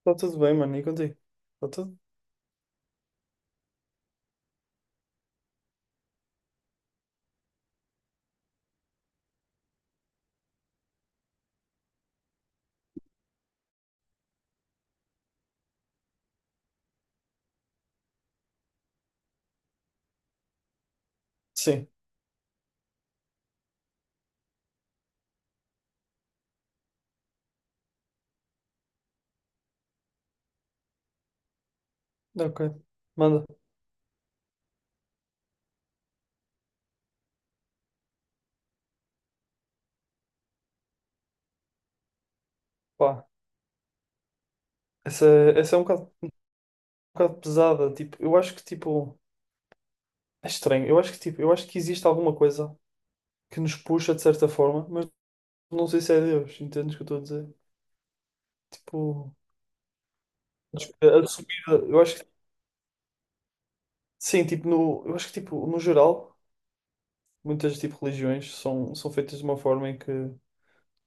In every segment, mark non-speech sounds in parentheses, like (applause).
Está tudo bem, mano, e contigo? Está tudo? Sim, ok. Manda. Pá, essa, essa é um bocado pesada. Tipo, eu acho que, tipo, é estranho. Eu acho que existe alguma coisa que nos puxa de certa forma, mas não sei se é Deus, entendes o que eu estou a dizer? Tipo, acho que a subida, eu acho que, sim, tipo, no, eu acho que, tipo, no geral, muitas, tipo, religiões são feitas de uma forma em que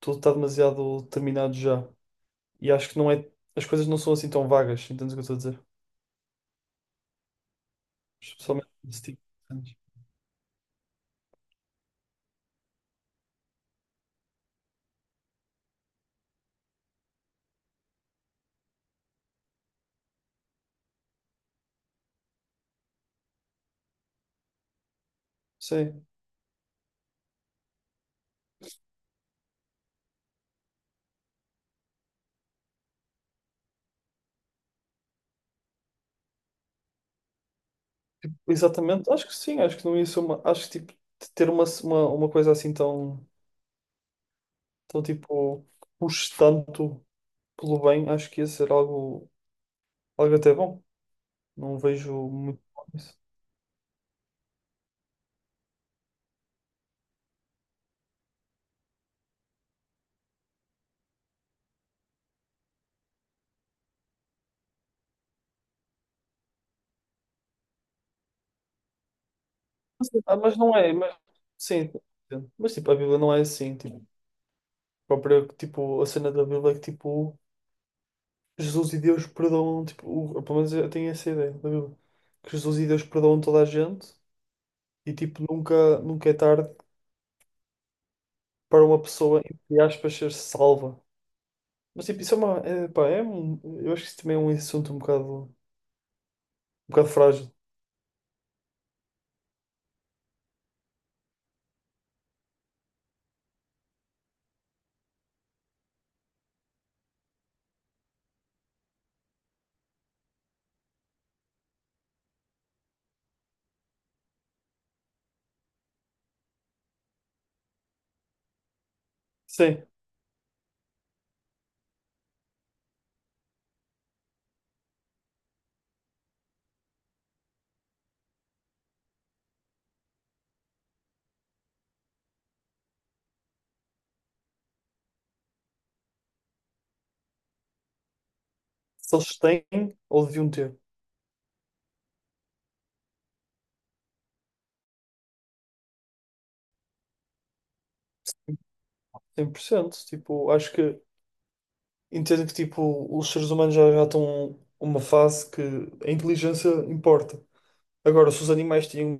tudo está demasiado terminado já. E acho que não é, as coisas não são assim tão vagas, entendes o que eu estou a dizer? Especialmente nesse tipo de cenas. Sim, exatamente. Acho que sim, acho que não ia ser uma. Acho que tipo, de ter uma coisa assim tão tipo, puxe tanto pelo bem, acho que ia ser algo até bom. Não vejo muito mal nisso. Ah, mas não é, mas sim, mas tipo, a Bíblia não é assim, tipo, a própria, tipo, a cena da Bíblia é que tipo, Jesus e Deus perdoam, tipo, pelo menos eu tenho essa ideia da Bíblia, que Jesus e Deus perdoam toda a gente e tipo, nunca é tarde para uma pessoa, entre aspas, ser salva. Mas tipo, isso é uma. É, pá, é um, eu acho que isso também é um assunto um bocado frágil. Sim, se eles têm ou deviam ter. 100%. Tipo, acho que entendo que tipo, os seres humanos já estão numa fase que a inteligência importa. Agora, se os animais tinham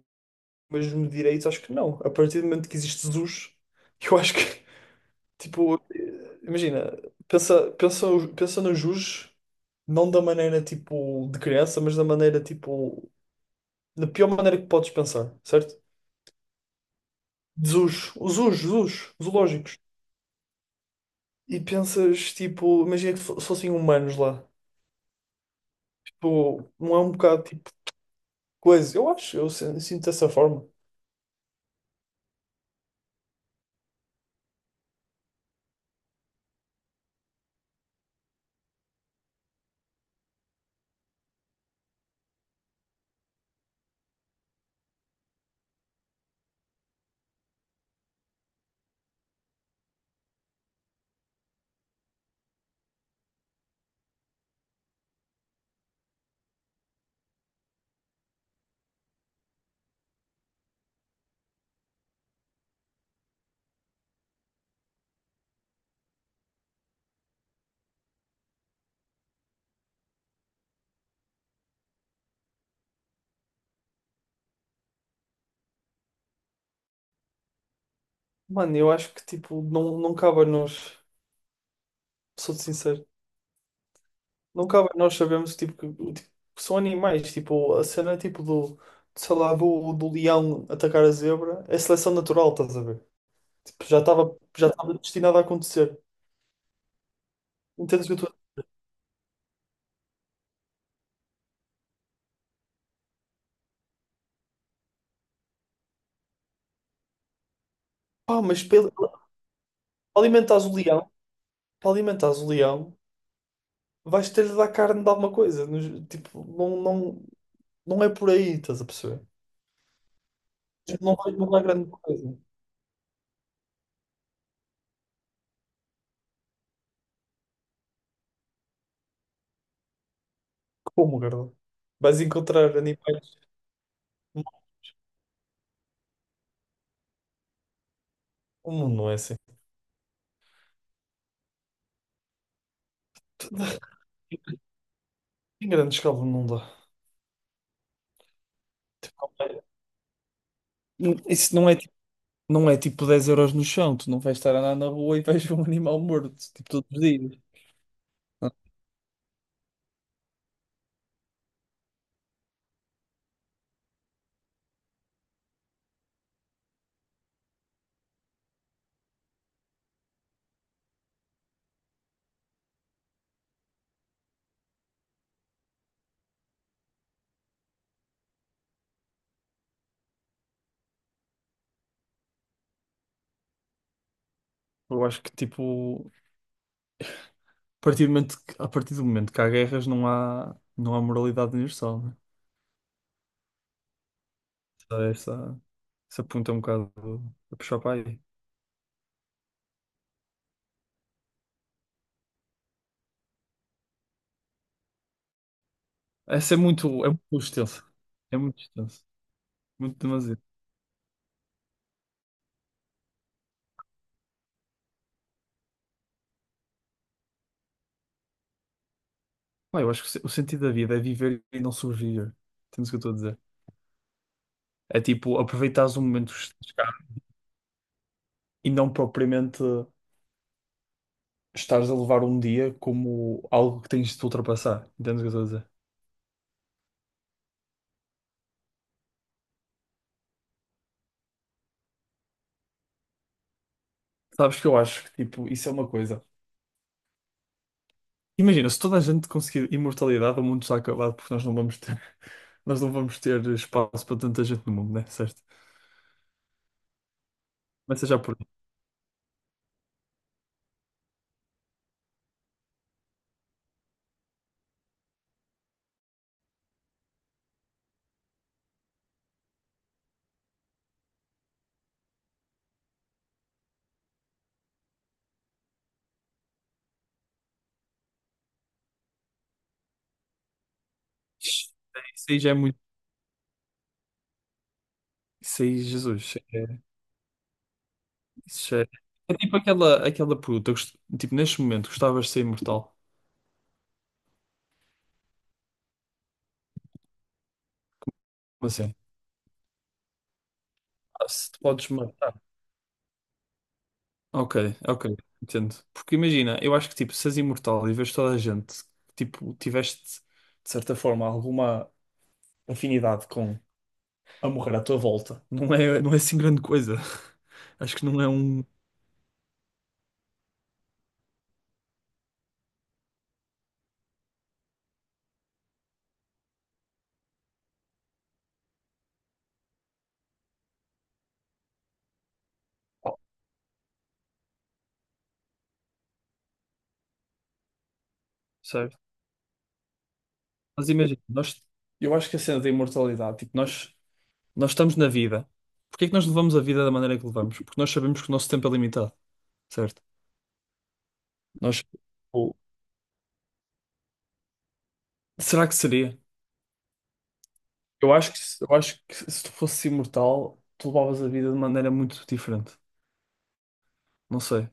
o mesmo direito, acho que não. A partir do momento que existe Jesus, (laughs) eu acho que, (laughs) tipo, imagina, pensa, pensa, pensa no Jesus, não da maneira tipo de criança, mas da maneira tipo da pior maneira que podes pensar, certo?Os zoológicos. E pensas, tipo, imagina que fossem humanos lá. Tipo, não é um bocado tipo de coisa. Eu acho, eu sin- sinto dessa forma. Mano, eu acho que, tipo, não cabe a nós, sou-te sincero, não cabe a nós sabermos, tipo, que são animais. Tipo, a cena, tipo, do, sei lá, do leão atacar a zebra é seleção natural, estás a ver? Tipo, já estava destinado a acontecer. Entendes o que eu estou a dizer? Pá, mas alimentares o leão. Para alimentares o leão, vais ter de dar carne de alguma coisa. Tipo, não é por aí, estás a perceber? Tipo, não vai mudar grande coisa. Como, Carla? Vais encontrar animais. O mundo não é assim. Em grande escala não dá. Tipo, não- é- isso não é, não é tipo 10 € no chão. Tu não vais estar a andar na rua e vais ver um animal morto, tipo, todos os dias. Ah, eu acho que, tipo, a partir do momento que há guerras, não há moralidade universal, né? Só essa ponta é um bocado a puxar para aí. Essa é muito extensa. É muito extensa. Muito demasiado. Pá, eu acho que o se- o sentido da vida é viver e não sobreviver. Entendes o que eu estou a dizer? É tipo, aproveitares o momento que estás e não propriamente estares a levar um dia como algo que tens de te ultrapassar. Entendes o que eu estou a dizer? Sabes que eu acho que, tipo, isso é uma coisa. Imagina, se toda a gente conseguir imortalidade, o mundo está acabado porque nós não vamos ter, (laughs) nós não vamos ter espaço para tanta gente no mundo, né? Certo? Mas seja por aí. Isso aí já é muito. Isso aí, Jesus. Isso já é... É tipo aquela pergunta. Tipo, neste momento, gostavas de ser imortal? Como assim? Ah, se te podes matar. Ok, ok, entendo. Porque imagina, eu acho que tipo, se és imortal e vês toda a gente, tipo, tiveste de certa forma alguma afinidade com a morrer à tua volta, não é assim grande coisa. (laughs) Acho que não é um. Certo. Mas imagina, nós, eu acho que a cena da imortalidade, tipo, nós estamos na vida. Porquê é que nós levamos a vida da maneira que levamos? Porque nós sabemos que o nosso tempo é limitado, certo? Nós, Ou- será que seria? Eu acho que se tu fosses imortal, tu levavas a vida de maneira muito diferente. Não sei.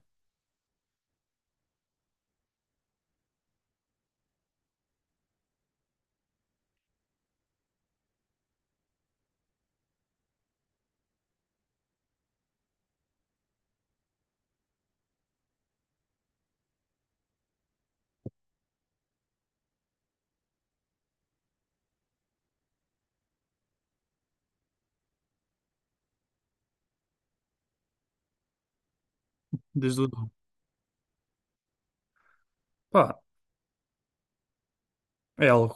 Desde o nome. Pá, é algo.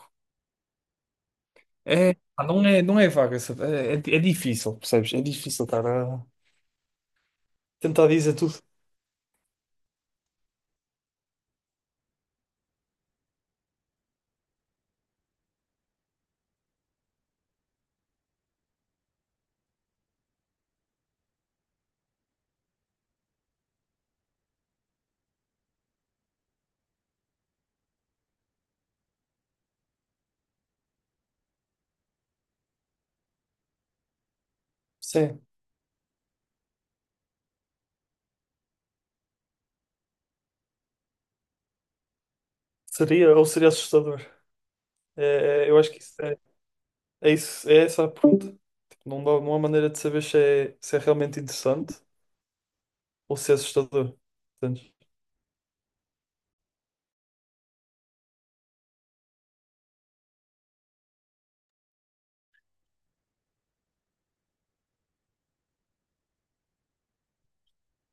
É, pá, não é vaga, sabe? É difícil, percebes? É difícil estar a tentar dizer tudo. Sim, seria ou seria assustador. Eu acho que é essa a pergunta. Tipo, não dá, não há maneira de saber se é realmente interessante ou se é assustador. Entendes?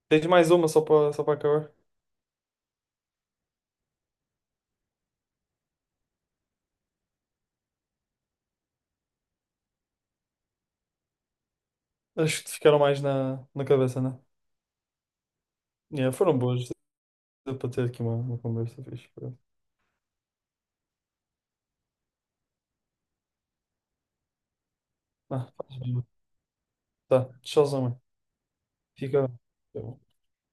Tens mais uma só para acabar? Acho que te ficaram mais na cabeça, né? Yeah, foram boas. Deu para ter aqui uma conversa fixe. Ah, faz bem. Tá, tchauzão, mãe. Fica bem.